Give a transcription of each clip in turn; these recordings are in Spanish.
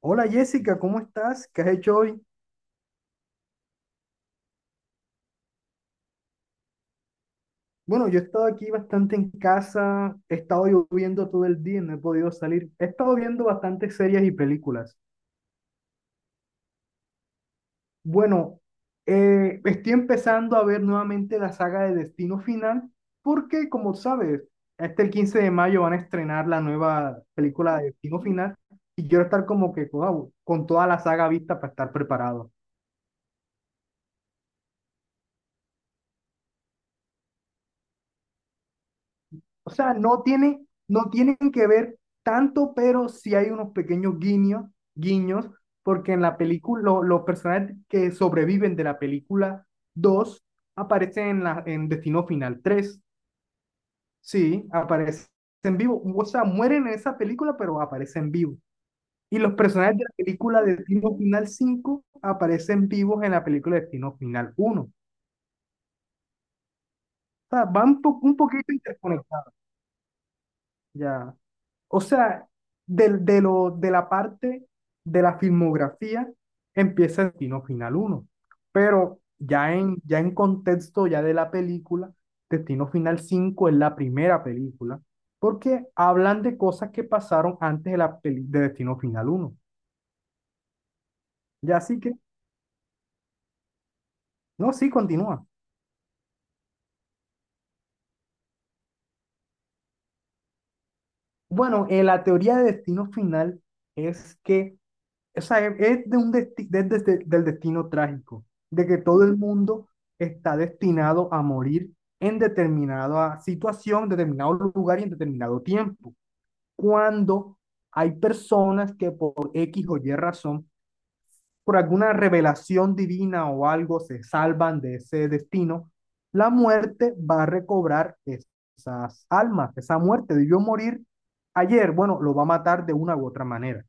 Hola Jessica, ¿cómo estás? ¿Qué has hecho hoy? Bueno, yo he estado aquí bastante en casa, he estado lloviendo todo el día, no he podido salir. He estado viendo bastantes series y películas. Bueno, estoy empezando a ver nuevamente la saga de Destino Final, porque como sabes, hasta el 15 de mayo van a estrenar la nueva película de Destino Final y quiero estar como que wow, con toda la saga vista para estar preparado. O sea, no tienen que ver tanto, pero sí hay unos pequeños guiños, porque en la película, los personajes que sobreviven de la película 2 aparecen en Destino Final tres. Sí, aparecen vivo. O sea, mueren en esa película, pero aparecen vivos. Y los personajes de la película Destino Final cinco aparecen vivos en la película Destino Final uno. O sea, van un poquito interconectados. Ya. O sea, de la parte de la filmografía empieza Destino Final uno, pero ya en contexto ya de la película, Destino Final cinco es la primera película, porque hablan de cosas que pasaron antes de Destino Final uno. Ya así que, no, sí, continúa. Bueno, la teoría de Destino Final es que, o sea, es de un del destino trágico, de que todo el mundo está destinado a morir en determinada situación, determinado lugar y en determinado tiempo. Cuando hay personas que por X o Y razón, por alguna revelación divina o algo, se salvan de ese destino, la muerte va a recobrar esas almas, esa muerte de yo morir ayer, bueno, lo va a matar de una u otra manera.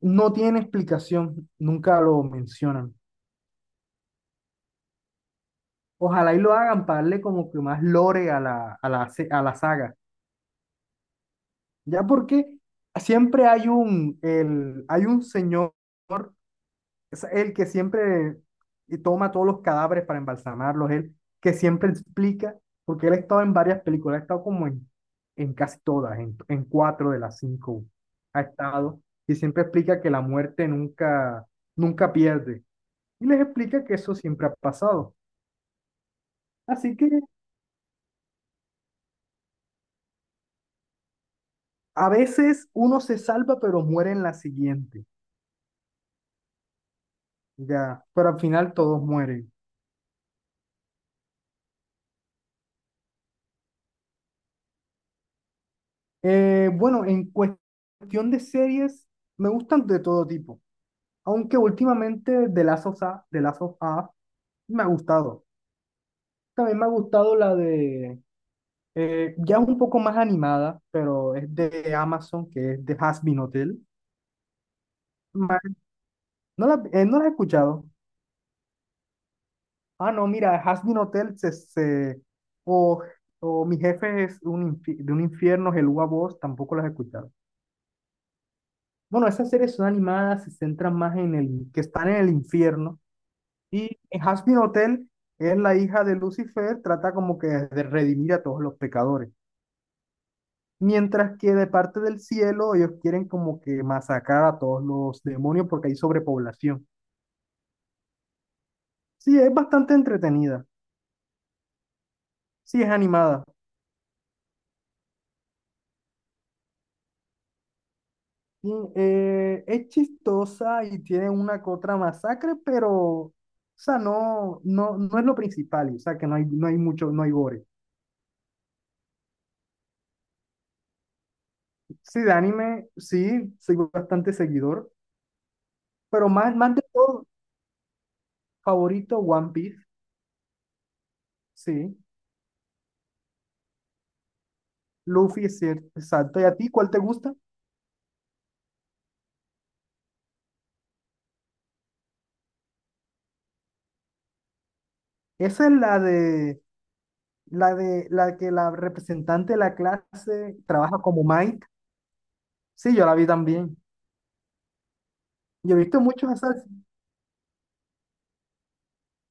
No tiene explicación, nunca lo mencionan. Ojalá y lo hagan para darle como que más lore a la saga. Ya porque siempre hay un señor, es el que siempre toma todos los cadáveres para embalsamarlos, él que siempre explica, porque él ha estado en varias películas, ha estado como en casi todas, en cuatro de las cinco ha estado, y siempre explica que la muerte nunca pierde. Y les explica que eso siempre ha pasado. Así que a veces uno se salva, pero muere en la siguiente. Ya, pero al final todos mueren. Bueno, en cuestión de series, me gustan de todo tipo. Aunque últimamente de Last of Us, The Last of Us me ha gustado. También me ha gustado la de, ya un poco más animada, pero es de Amazon, que es de Hazbin Hotel. Ma- No no la he escuchado. Ah, no, mira, Has Been Hotel o, o Mi jefe es un de un infierno, el Voz, tampoco las he escuchado. Bueno, esas series son animadas, se centran más en el, que están en el infierno. Y en Has Been Hotel es la hija de Lucifer, trata como que de redimir a todos los pecadores. Mientras que de parte del cielo ellos quieren como que masacrar a todos los demonios porque hay sobrepoblación. Sí, es bastante entretenida. Sí, es animada. Y, es chistosa y tiene una que otra masacre, pero, o sea, no es lo principal, o sea, que no hay mucho, no hay gore. Sí, de anime, sí, soy bastante seguidor, pero más de todo, favorito One Piece, sí, Luffy es cierto, exacto. ¿Y a ti cuál te gusta? Esa es la que la representante de la clase trabaja como Mike, sí, yo la vi también. Yo he visto muchos,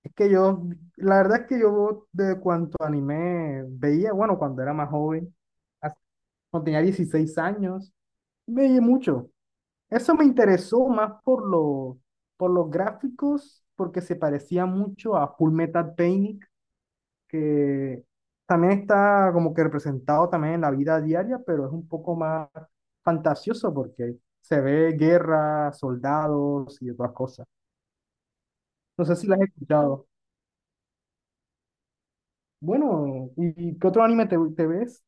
es que yo, la verdad es que yo de cuanto anime veía, bueno, cuando era más joven, as- cuando tenía 16 años, veía mucho. Eso me interesó más por los gráficos, porque se parecía mucho a Full Metal Panic, que también está como que representado también en la vida diaria, pero es un poco más fantasioso porque se ve guerra, soldados y otras cosas. No sé si las has escuchado. Bueno, ¿y qué otro anime te ves?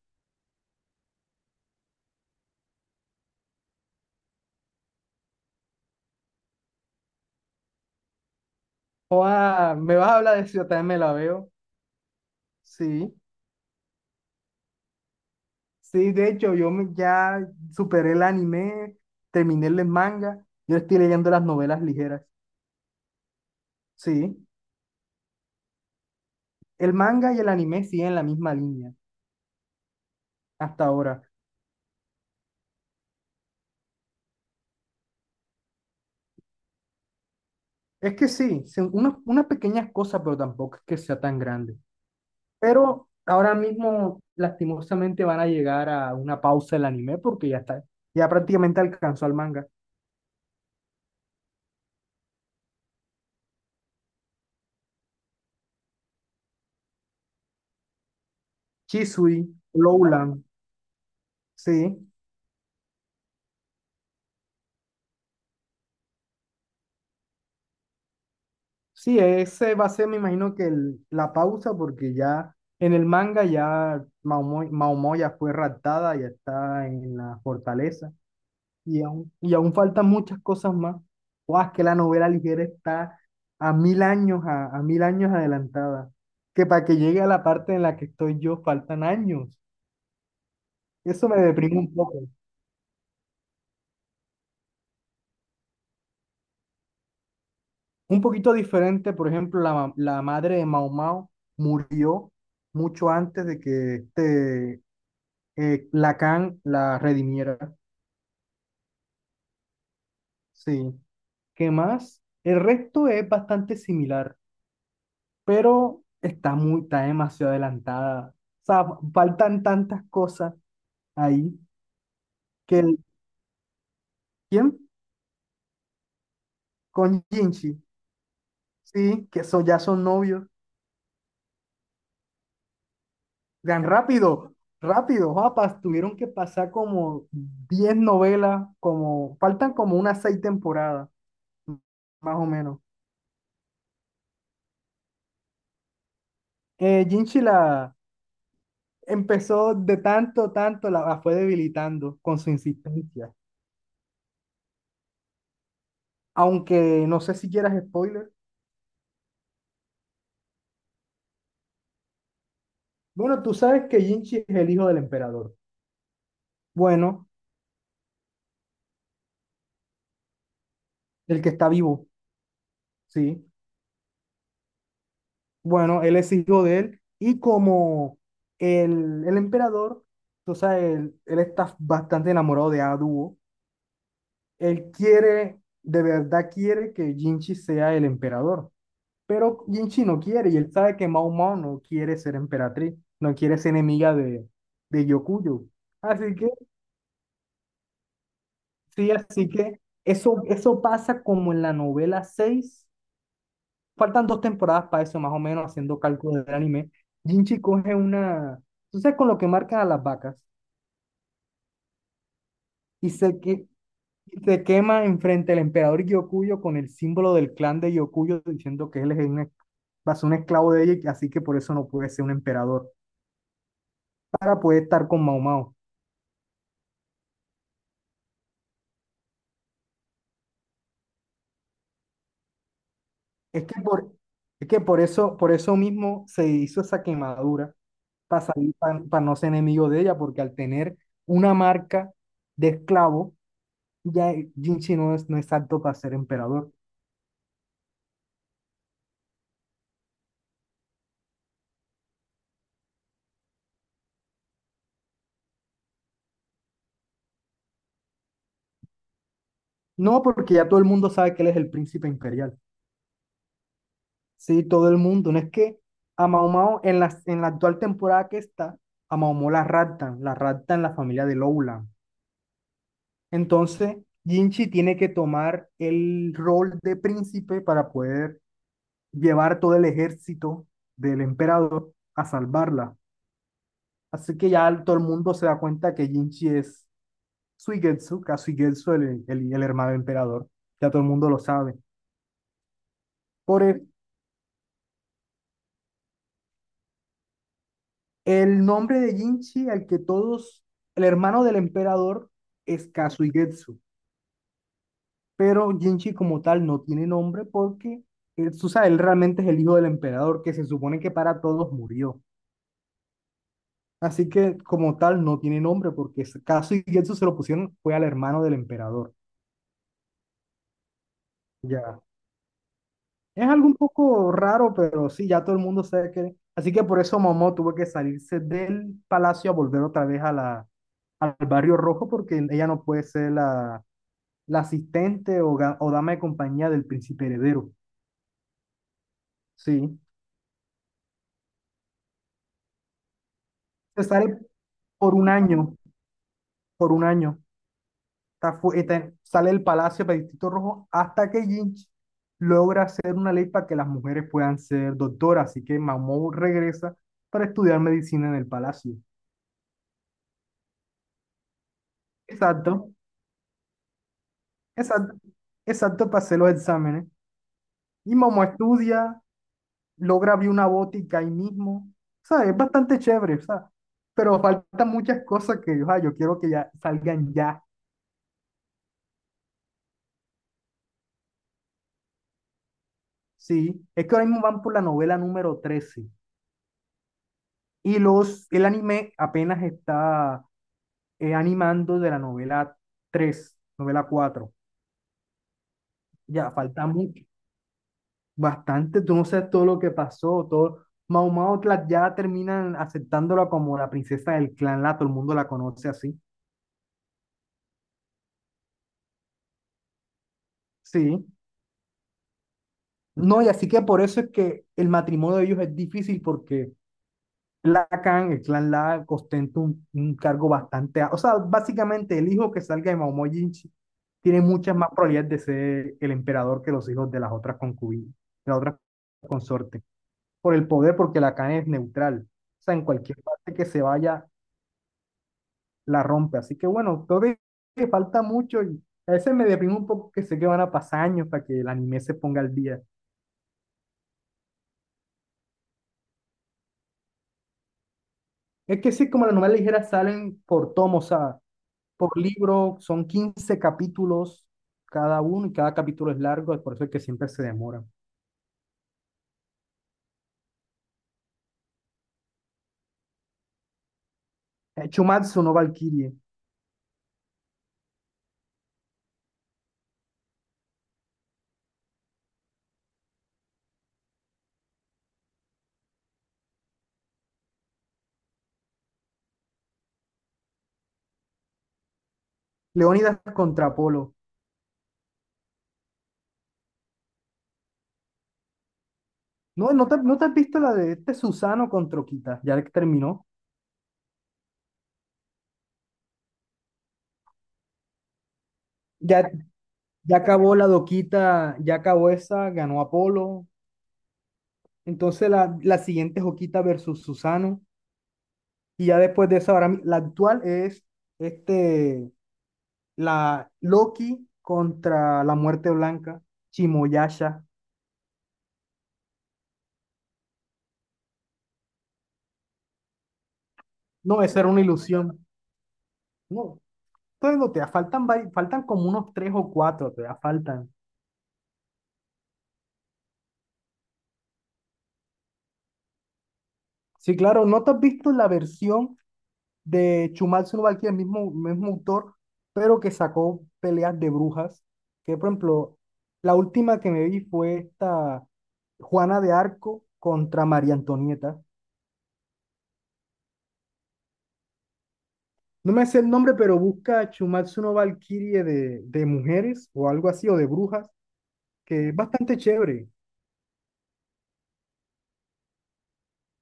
Joda, me vas a hablar de eso, yo también me la veo. Sí, sí, de hecho, ya superé el anime, terminé el manga, yo estoy leyendo las novelas ligeras. Sí, el manga y el anime siguen la misma línea hasta ahora. Es que sí, son unas pequeñas cosas, pero tampoco es que sea tan grande. Pero ahora mismo, lastimosamente, van a llegar a una pausa el anime porque ya está, ya prácticamente alcanzó al manga. Chisui, Lowland. Sí, sí, ese va a ser, me imagino que la pausa, porque ya en el manga ya Maomo ya fue raptada, ya está en la fortaleza, y aún faltan muchas cosas más. Guau, es que la novela ligera está a mil años, a mil años adelantada, que para que llegue a la parte en la que estoy yo faltan años. Eso me deprime un poco. Un poquito diferente, por ejemplo, la madre de Mao Mao murió mucho antes de que Lacan la redimiera, sí. ¿Qué más? El resto es bastante similar, pero está está demasiado adelantada. O sea, faltan tantas cosas ahí que ¿quién? Con Jinchi, sí, ya son novios. Vean, rápido, rápido, papas, tuvieron que pasar como 10 novelas, como, faltan como unas 6 temporadas, más o menos. Jinchi la empezó de tanto, tanto, la fue debilitando con su insistencia. Aunque no sé si quieras spoiler. Bueno, tú sabes que Jinchi es el hijo del emperador. Bueno, el que está vivo, sí. Bueno, él es hijo de él. Y como el emperador, tú sabes, él está bastante enamorado de Aduo. Él quiere, de verdad quiere que Jinchi sea el emperador. Pero Jinchi no quiere y él sabe que Mao Mao no quiere ser emperatriz, no quiere ser enemiga de Yokuyo. Así que, sí, así que eso pasa como en la novela 6. Faltan 2 temporadas para eso, más o menos, haciendo cálculos del anime. Jinchi coge una, tú sabes, con lo que marcan a las vacas y se, que, y se quema enfrente del emperador Yokuyo con el símbolo del clan de Yokuyo diciendo que él va a ser un esclavo de ella y así que por eso no puede ser un emperador, para poder estar con Mao Mao. Es que por, es que por eso mismo se hizo esa quemadura para salir, no ser enemigo de ella, porque al tener una marca de esclavo, ya Jinchi no es apto para ser emperador. No, porque ya todo el mundo sabe que él es el príncipe imperial. Sí, todo el mundo. No es que a Mao Mao, en la actual temporada que está, a Mao Mao la raptan la familia de Lowland. Entonces, Jinchi tiene que tomar el rol de príncipe para poder llevar todo el ejército del emperador a salvarla. Así que ya todo el mundo se da cuenta que Jinchi es Kasuigetsu, el hermano del emperador. Ya todo el mundo lo sabe. Por el nombre de Jinchi, al que todos, el hermano del emperador, es Kasuigetsu, pero Jinchi como tal no tiene nombre porque él, tú sabes, él realmente es el hijo del emperador que se supone que para todos murió. Así que como tal no tiene nombre porque ese caso y eso se lo pusieron fue al hermano del emperador. Ya. Es algo un poco raro, pero sí, ya todo el mundo sabe que... Así que por eso Momo tuvo que salirse del palacio a volver otra vez a al barrio rojo porque ella no puede ser la asistente o dama de compañía del príncipe heredero. Sí. Se sale por un año, por un año. Está sale del palacio para Distrito Rojo hasta que Lynch logra hacer una ley para que las mujeres puedan ser doctoras. Así que Mamou regresa para estudiar medicina en el palacio. Exacto, exacto, exacto, para hacer los exámenes. Y Momo estudia, logra abrir una botica ahí mismo. O sea, es bastante chévere, o sea, pero faltan muchas cosas que, o sea, yo quiero que ya salgan ya. Sí, es que ahora mismo van por la novela número 13 y el anime apenas está animando de la novela 3, novela 4 Ya, falta mucho, bastante, tú no sabes todo lo que pasó, todo. Mau Mau ya terminan aceptándola como la princesa del clan La, todo el mundo la conoce así. Sí. No, y así que por eso es que el matrimonio de ellos es difícil porque La Khan, el clan La, ostenta un cargo bastante. A- O sea, básicamente el hijo que salga de Mau Mau Jinchi tiene muchas más probabilidades de ser el emperador que los hijos de las otras concubinas, de las otras consortes. Por el poder, porque la Khan es neutral. O sea, en cualquier parte que se vaya, la rompe. Así que bueno, creo que falta mucho y a veces me deprimo un poco que sé que van a pasar años para que el anime se ponga al día. Es que sí, como las novelas ligeras salen por tomo, o sea, por libro, son 15 capítulos cada uno y cada capítulo es largo, es por eso es que siempre se demora. Chumatsu no Valkyrie, Leónidas contra Apolo. No te has visto la de este Susano contra Okita, ya que terminó. Ya ya acabó la doquita, ya acabó esa, ganó Apolo. Entonces la siguiente es Oquita versus Susano. Y ya después de esa, ahora mi- la actual es este, la Loki contra la Muerte Blanca, Chimoyasha. No, esa era una ilusión. No, entonces no, te faltan, vari- faltan como unos tres o cuatro, te faltan. Sí, claro, ¿no te has visto la versión de Shumatsu no? El mismo autor, pero que sacó peleas de brujas, que por ejemplo, la última que me vi fue esta Juana de Arco contra María Antonieta. No me sé el nombre, pero busca Shumatsu no Valkyrie de mujeres o algo así, o de brujas, que es bastante chévere.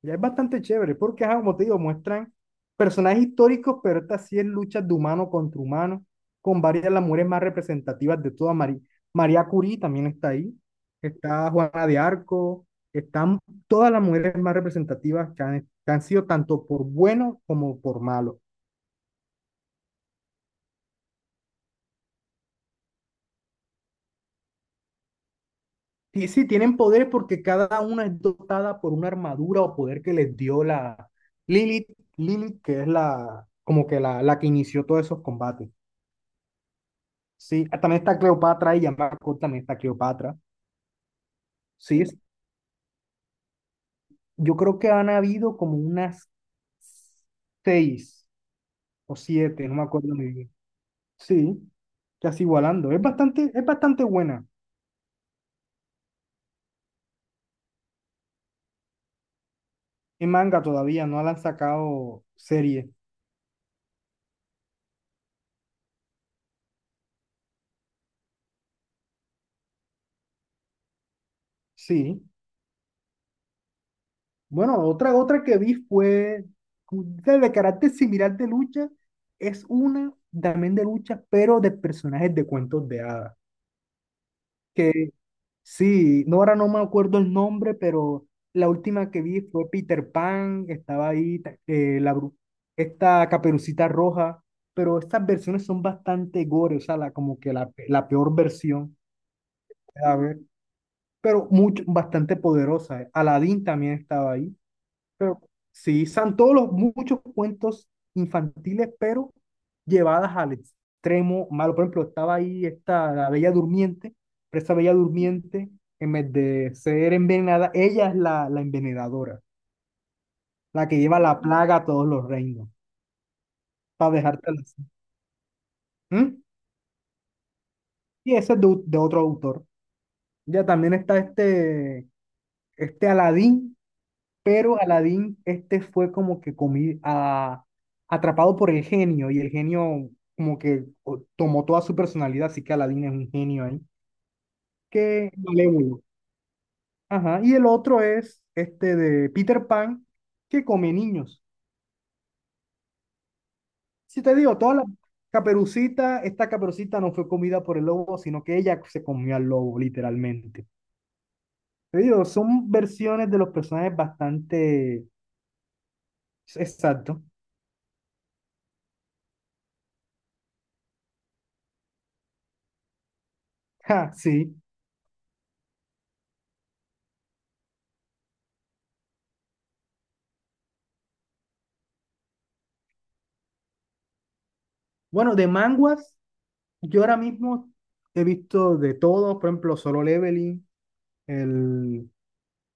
Ya es bastante chévere, porque, ajá, como te digo, muestran personajes históricos, pero esta sí es lucha de humano contra humano, con varias de las mujeres más representativas de toda María. María Curie también está ahí, está Juana de Arco, están todas las mujeres más representativas que han sido tanto por bueno como por malo. Y sí, tienen poderes porque cada una es dotada por una armadura o poder que les dio la Lilith, Lilith, que es como que la que inició todos esos combates. Sí, ah, también está Cleopatra y Jean Marco también está Cleopatra. Sí, es- yo creo que han habido como unas 6 o 7, no me acuerdo muy bien. Sí, casi igualando. Es bastante buena. En manga todavía, no la han sacado serie. Sí. Bueno, otra que vi fue de carácter similar de lucha. Es una también de lucha, pero de personajes de cuentos de hadas. Sí, no, ahora no me acuerdo el nombre, pero la última que vi fue Peter Pan, estaba ahí ta- la, bru- esta Caperucita Roja, pero estas versiones son bastante gore, o sea, la, como que la, pe- la peor versión, a ver, pero mucho, bastante poderosa. Aladdin también estaba ahí. Pero sí, son todos los muchos cuentos infantiles, pero llevadas al extremo malo. Por ejemplo, estaba ahí esta, la Bella Durmiente, pero esa Bella Durmiente, en vez de ser envenenada, ella es la envenenadora, la que lleva la plaga a todos los reinos, para dejártela así. ¿Mm? Y ese es de otro autor. Ya también está este, este Aladín. Pero Aladdin, este fue como que comi- a- atrapado por el genio y el genio como que o- tomó toda su personalidad, así que Aladdin es un genio ahí. Que malévolo. Ajá. Y el otro es este de Peter Pan, que come niños. Si te digo, toda la caperucita, esta caperucita no fue comida por el lobo, sino que ella se comió al lobo, literalmente. Te digo, son versiones de los personajes bastante exacto. Ja, sí. Bueno, de manguas. Yo ahora mismo he visto de todo, por ejemplo, Solo Leveling, el,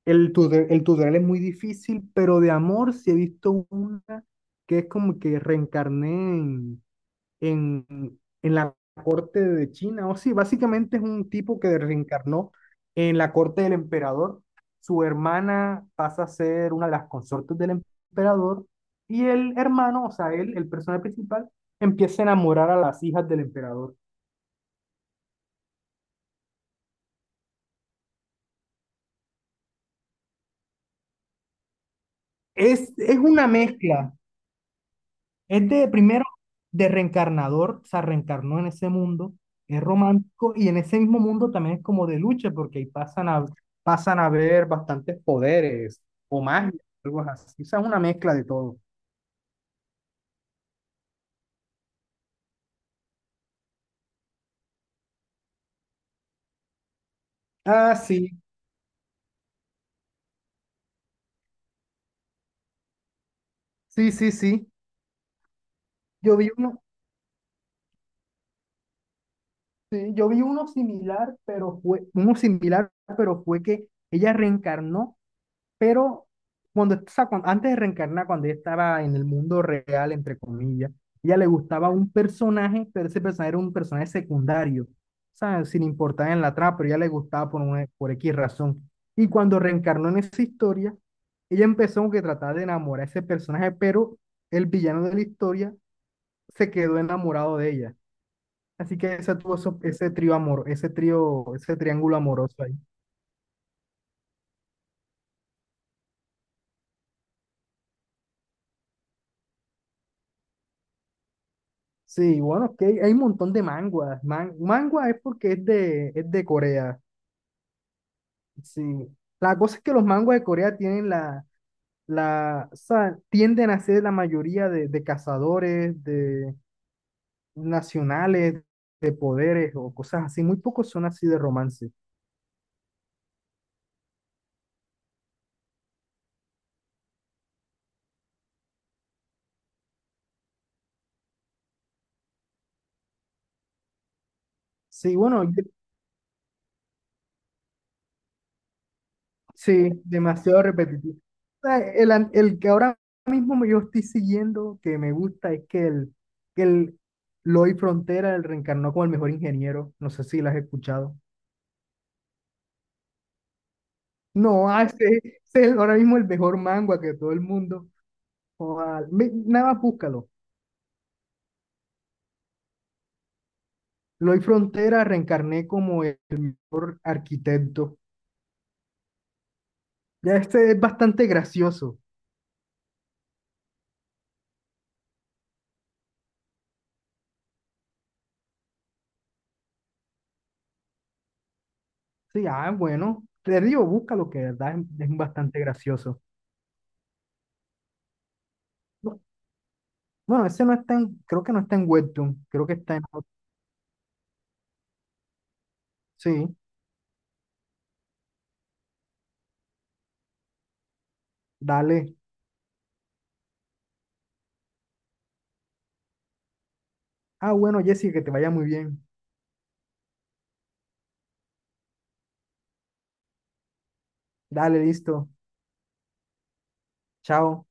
tutor- el tutorial es muy difícil, pero de amor sí he visto una que es como que reencarné en, en la corte de China, o sí, básicamente es un tipo que reencarnó en la corte del emperador, su hermana pasa a ser una de las consortes del emperador y el hermano, o sea, él, el personaje principal, empieza a enamorar a las hijas del emperador. Es una mezcla. Es de primero de reencarnador, se reencarnó en ese mundo, es romántico y en ese mismo mundo también es como de lucha porque ahí pasan a, pasan a ver bastantes poderes o magia, algo así. O sea, es una mezcla de todo. Ah, sí, sí, sí, sí. Yo vi uno, sí, yo vi uno similar, pero fue uno similar, pero fue que ella reencarnó. Pero cuando, o sea, cuan- antes de reencarnar, cuando ella estaba en el mundo real, entre comillas, ella le gustaba un personaje, pero ese personaje era un personaje secundario, sabes sin importar en la trama, pero ella le gustaba por, una- por X razón. Y cuando reencarnó en esa historia, ella empezó como que a tratar de enamorar a ese personaje, pero el villano de la historia se quedó enamorado de ella. Así que ese tuvo eso- ese trío amor, ese trío, ese triángulo amoroso ahí. Sí, bueno, es que hay un montón de manguas. Man- mangua es porque es es de Corea. Sí. La cosa es que los manguas de Corea tienen o sea, tienden a ser la mayoría de cazadores, de nacionales, de poderes o cosas así. Muy pocos son así de romance. Sí, bueno, sí, demasiado repetitivo. O sea, el, an- el que ahora mismo yo estoy siguiendo, que me gusta, es que el Lloyd Frontera el reencarnó como el mejor ingeniero. No sé si lo has escuchado. No, ah, ese es el- ahora mismo el mejor manga que todo el mundo. O ah, ve- nada más búscalo. Lloyd Frontera reencarné como el mejor arquitecto. Ya este es bastante gracioso. Sí, ah, bueno, te digo, búscalo, que de verdad es bastante gracioso. Bueno, ese no está en, creo que no está en Webtoon, creo que está en... Sí, dale. Ah, bueno, Jessica, que te vaya muy bien. Dale, listo. Chao.